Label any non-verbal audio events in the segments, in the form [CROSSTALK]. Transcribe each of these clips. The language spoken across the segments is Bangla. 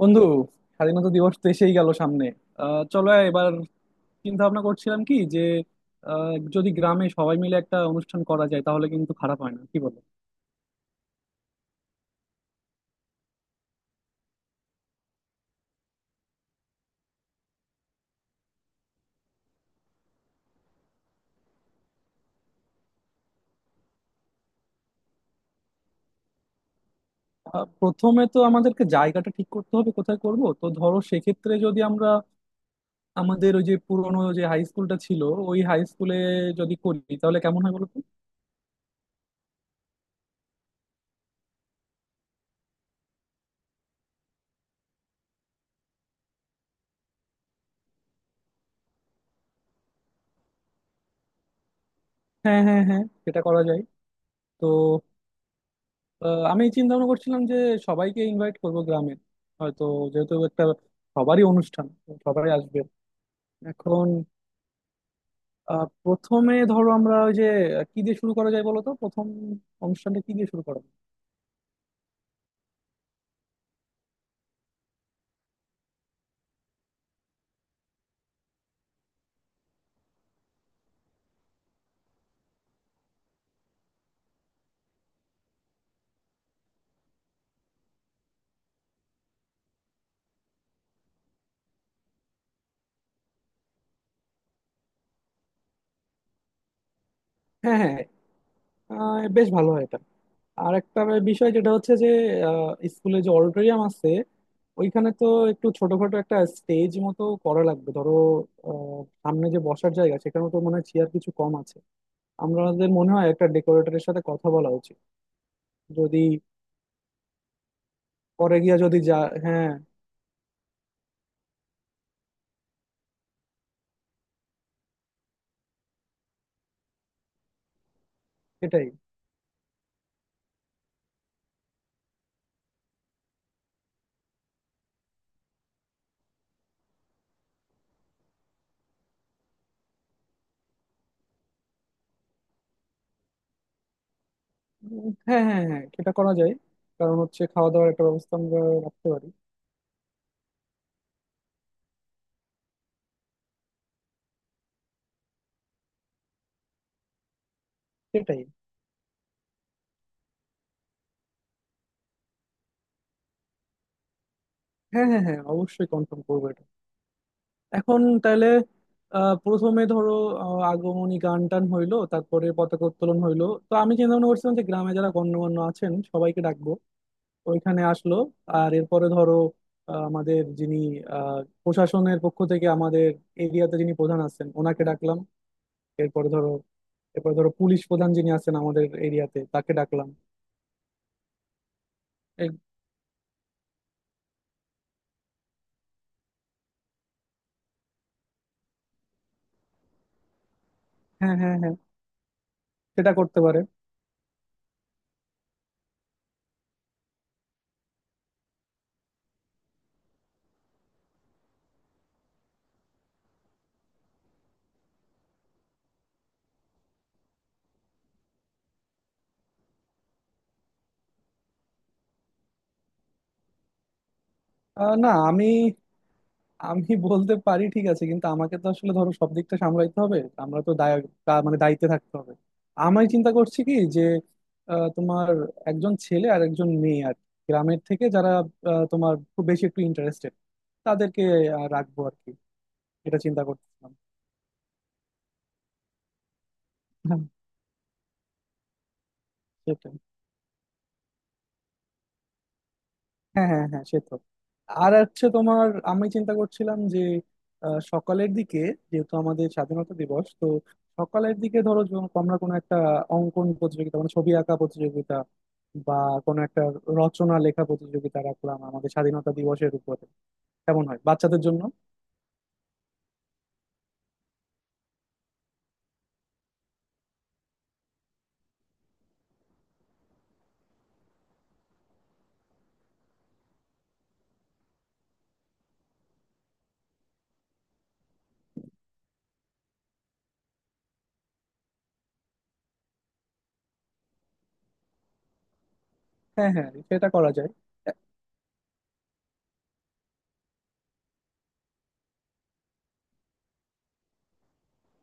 বন্ধু, স্বাধীনতা দিবস তো এসেই গেল সামনে। চলো এবার চিন্তা ভাবনা করছিলাম কি যে, যদি গ্রামে সবাই মিলে একটা অনুষ্ঠান করা যায় তাহলে কিন্তু খারাপ হয় না, কি বলো? প্রথমে তো আমাদেরকে জায়গাটা ঠিক করতে হবে কোথায় করব। তো ধরো, সেক্ষেত্রে যদি আমরা আমাদের ওই যে পুরনো যে হাই স্কুলটা ছিল, ওই হাই স্কুলে যদি করি তাহলে কেমন হয় বলো তো? হ্যাঁ, হ্যাঁ, হ্যাঁ, সেটা করা যায়। তো আমি চিন্তা ভাবনা করছিলাম যে সবাইকে ইনভাইট করব গ্রামে, হয়তো, যেহেতু একটা সবারই অনুষ্ঠান তো সবাই আসবে। এখন প্রথমে ধরো আমরা ওই যে, কি দিয়ে শুরু করা যায় বলো তো, প্রথম অনুষ্ঠানটা কি দিয়ে শুরু করা যায়? হ্যাঁ, হ্যাঁ, বেশ ভালো হয় এটা। আর একটা বিষয় যেটা হচ্ছে যে স্কুলে যে অডিটোরিয়াম আছে ওইখানে তো একটু ছোটখাটো একটা স্টেজ মতো করা লাগবে ধরো। সামনে যে বসার জায়গা, সেখানে তো মনে হয় চেয়ার কিছু কম আছে। আমাদের মনে হয় একটা ডেকোরেটরের সাথে কথা বলা উচিত। যদি পরে গিয়া যদি যা... হ্যাঁ, সেটাই। হ্যাঁ, হ্যাঁ, হ্যাঁ, সেটা করা যায়। কারণ হচ্ছে খাওয়া দাওয়ার একটা ব্যবস্থা আমরা রাখতে পারি। সেটাই। হ্যাঁ, হ্যাঁ, হ্যাঁ, অবশ্যই কনফার্ম করবো এটা। এখন তাহলে প্রথমে ধরো, আগমনী গান টান হইলো, তারপরে পতাকা উত্তোলন হইলো। তো আমি চিন্তা ভাবনা করছিলাম যে গ্রামে যারা গণ্যমান্য আছেন সবাইকে ডাকবো, ওইখানে আসলো। আর এরপরে ধরো আহ, আমাদের যিনি আহ, প্রশাসনের পক্ষ থেকে আমাদের এরিয়াতে যিনি প্রধান আছেন ওনাকে ডাকলাম। এরপরে ধরো এরপরে ধরো পুলিশ প্রধান যিনি আছেন আমাদের এরিয়াতে, তাকে ডাকলাম। এই- হ্যাঁ, হ্যাঁ, হ্যাঁ, সেটা করতে পারে। না, আমি... আমি বলতে পারি ঠিক আছে, কিন্তু আমাকে তো আসলে ধরো সব দিকটা সামলাইতে হবে। আমরা তো দায়... মানে দায়িত্বে থাকতে হবে। আমি চিন্তা করছি কি যে তোমার একজন ছেলে আর একজন মেয়ে আর কি, গ্রামের থেকে যারা তোমার খুব বেশি একটু ইন্টারেস্টেড, তাদেরকে রাখবো আর কি। এটা চিন্তা করতেছিলাম। হ্যাঁ, সেটাই। হ্যাঁ, হ্যাঁ, হ্যাঁ, সে তো। আর হচ্ছে তোমার, আমি চিন্তা করছিলাম যে সকালের দিকে, যেহেতু আমাদের স্বাধীনতা দিবস তো। সকালের দিকে ধরো যখন আমরা কোনো একটা অঙ্কন প্রতিযোগিতা মানে ছবি আঁকা প্রতিযোগিতা বা কোনো একটা রচনা লেখা প্রতিযোগিতা রাখলাম আমাদের স্বাধীনতা দিবসের উপরে, কেমন হয় বাচ্চাদের জন্য? হ্যাঁ, হ্যাঁ, সেটা করা যায়।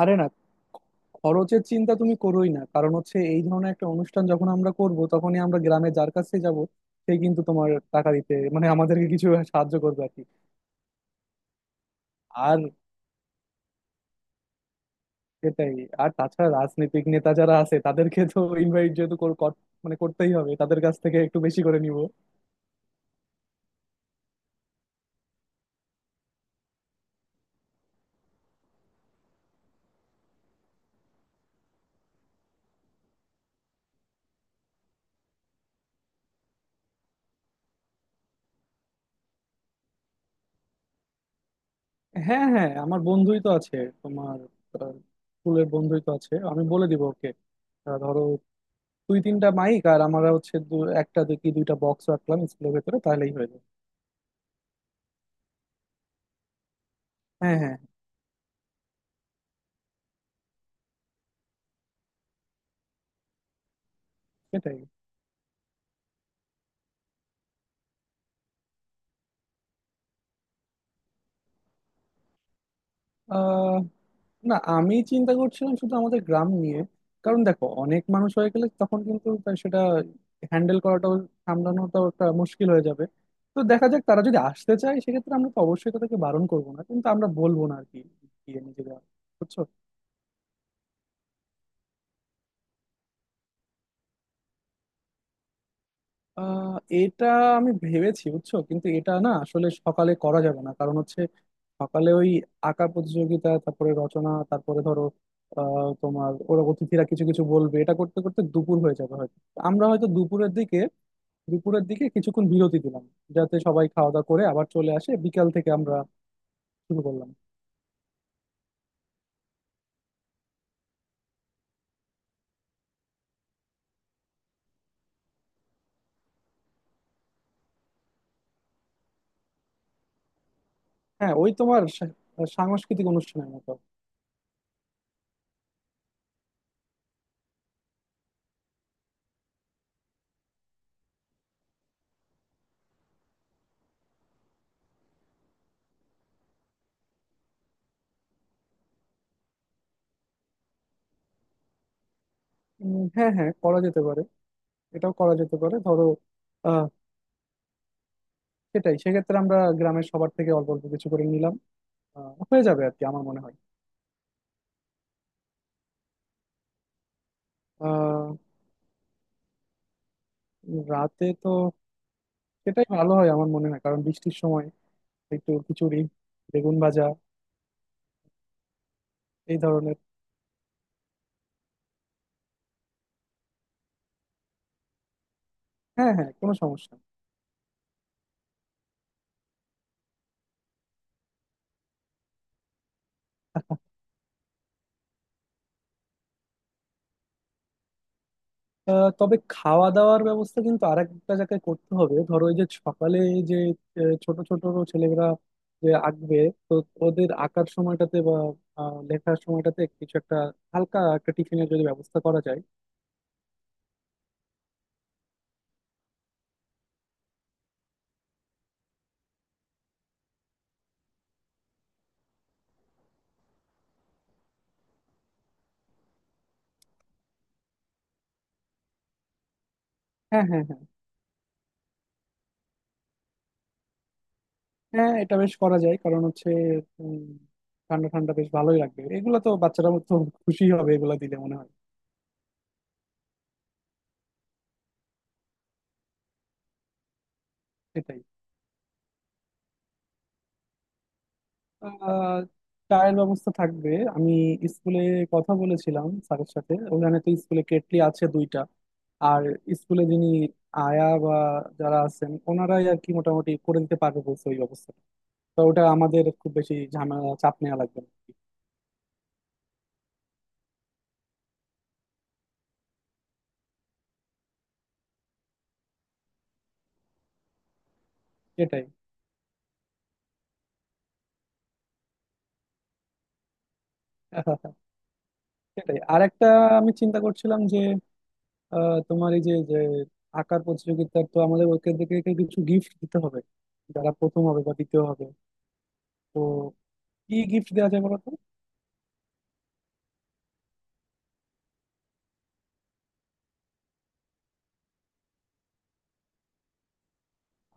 আরে না, খরচের চিন্তা তুমি করোই না, কারণ হচ্ছে এই ধরনের একটা অনুষ্ঠান যখন আমরা করব তখনই আমরা গ্রামে যার কাছে যাব সে কিন্তু তোমার টাকা দিতে মানে আমাদেরকে কিছু সাহায্য করবে আর কি। আর সেটাই। আর তাছাড়া রাজনৈতিক নেতা যারা আছে তাদেরকে তো ইনভাইট যেহেতু মানে করতেই হবে, তাদের কাছ থেকে একটু বেশি করে নিব। হ্যাঁ, হ্যাঁ, আমার বন্ধুই তো আছে তোমার, আহ, স্কুলের বন্ধুই তো আছে, আমি বলে দিব ওকে। ধরো দুই তিনটা মাইক আর আমরা হচ্ছে একটা দুই কি দুইটা বক্স রাখলাম স্কুলের ভেতরে তাহলেই হয়ে যাবে। হ্যাঁ, হ্যাঁ, সেটাই। আহ না, আমি চিন্তা করছিলাম শুধু আমাদের গ্রাম নিয়ে। কারণ দেখো অনেক মানুষ হয়ে গেলে তখন কিন্তু তাই সেটা হ্যান্ডেল করাটাও, সামলানোটাও একটা মুশকিল হয়ে যাবে। তো দেখা যাক, তারা যদি আসতে চায় সেক্ষেত্রে আমরা তো অবশ্যই তাদেরকে বারণ করবো না, কিন্তু আমরা বলবো না আর কি, গিয়ে নিজেরা। বুঝছো? এটা আমি ভেবেছি বুঝছো, কিন্তু এটা না আসলে সকালে করা যাবে না। কারণ হচ্ছে সকালে ওই আঁকা প্রতিযোগিতা তারপরে রচনা তারপরে ধরো তোমার ওরা অতিথিরা কিছু কিছু বলবে, এটা করতে করতে দুপুর হয়ে যাবে হয়তো। আমরা হয়তো দুপুরের দিকে দুপুরের দিকে কিছুক্ষণ বিরতি দিলাম, যাতে সবাই খাওয়া দাওয়া করে আবার চলে আসে, বিকাল থেকে আমরা শুরু করলাম। হ্যাঁ, ওই তোমার সাংস্কৃতিক অনুষ্ঠানের মতো। হ্যাঁ, হ্যাঁ, করা যেতে পারে। এটাও করা যেতে পারে ধরো। আহ সেটাই, সেক্ষেত্রে আমরা গ্রামের সবার থেকে অল্প অল্প কিছু করে নিলাম। হয়ে যাবে আর কি আমার মনে হয়। আহ রাতে তো সেটাই ভালো হয় আমার মনে হয়, কারণ বৃষ্টির সময় একটু খিচুড়ি, বেগুন ভাজা, এই ধরনের। হ্যাঁ, হ্যাঁ, কোনো সমস্যা নেই। [LAUGHS] তবে খাওয়া দাওয়ার ব্যবস্থা কিন্তু আরেকটা জায়গায় করতে হবে। ধরো এই যে সকালে যে ছোট ছোট ছেলেরা যে আঁকবে, তো ওদের আঁকার সময়টাতে বা লেখার সময়টাতে কিছু একটা হালকা একটা টিফিনের যদি ব্যবস্থা করা যায়। হ্যাঁ, হ্যাঁ, হ্যাঁ। হ্যাঁ, এটা বেশ করা যায়। কারণ হচ্ছে উম, ঠান্ডা ঠান্ডা বেশ ভালোই লাগবে এগুলো তো, বাচ্চারা তো খুশি হবে এগুলো দিলে মনে হয়। সেটাই। আহ, চায়ের ব্যবস্থা থাকবে। আমি স্কুলে কথা বলেছিলাম স্যারের সাথে, ওখানে তো স্কুলে কেটলি আছে দুইটা। আর স্কুলে যিনি আয়া বা যারা আছেন ওনারাই আর কি মোটামুটি করে দিতে পারবে বলছে ওই ব্যবস্থা। তো ওটা আমাদের খুব বেশি ঝামেলা চাপ নেওয়া লাগবে না। এটাই। [LAUGHS] সেটাই আর একটা, আমি চিন্তা করছিলাম যে আহ, তোমার এই যে যে আঁকার প্রতিযোগিতা তো আমাদের ওইখান থেকে কিছু গিফট দিতে হবে যারা প্রথম হবে বা দ্বিতীয় হবে। তো কি গিফট দেওয়া যায় বলতো?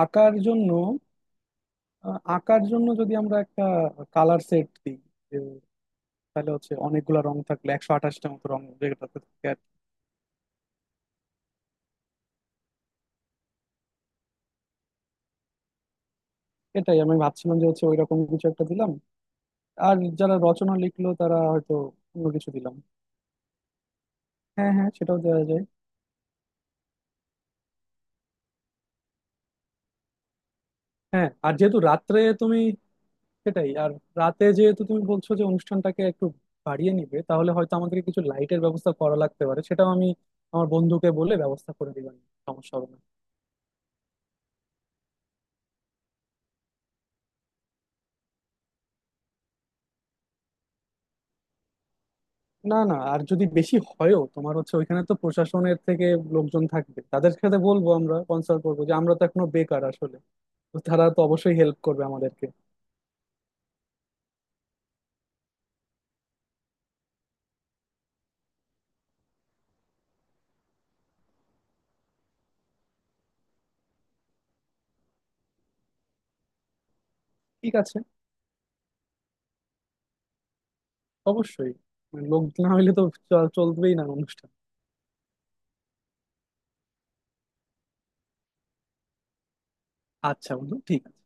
আঁকার জন্য, আঁকার জন্য যদি আমরা একটা কালার সেট দিই, যে, তাহলে হচ্ছে অনেকগুলা রং থাকলে 128টা মতো রং যেটা থাকে আর কি। এটাই আমি ভাবছিলাম যে হচ্ছে ওইরকম কিছু একটা দিলাম। আর যারা রচনা লিখলো তারা হয়তো অন্য কিছু দিলাম। হ্যাঁ, হ্যাঁ, সেটাও দেওয়া যায়। হ্যাঁ, আর যেহেতু রাত্রে তুমি... সেটাই। আর রাতে যেহেতু তুমি বলছো যে অনুষ্ঠানটাকে একটু বাড়িয়ে নিবে, তাহলে হয়তো আমাদেরকে কিছু লাইটের ব্যবস্থা করা লাগতে পারে, সেটাও আমি আমার বন্ধুকে বলে ব্যবস্থা করে দিবেন। সমস্যা হবে না। না, না, আর যদি বেশি হয়ও তোমার হচ্ছে ওইখানে তো প্রশাসনের থেকে লোকজন থাকবে, তাদের সাথে বলবো, আমরা কনসাল্ট করবো যে আমরা তো এখনো বেকার আসলে। তো তারা তো অবশ্যই হেল্প করবে আমাদেরকে। ঠিক আছে। অবশ্যই। মানে লোক না হইলে তো চলবেই না অনুষ্ঠান। আচ্ছা বন্ধু, ঠিক আছে।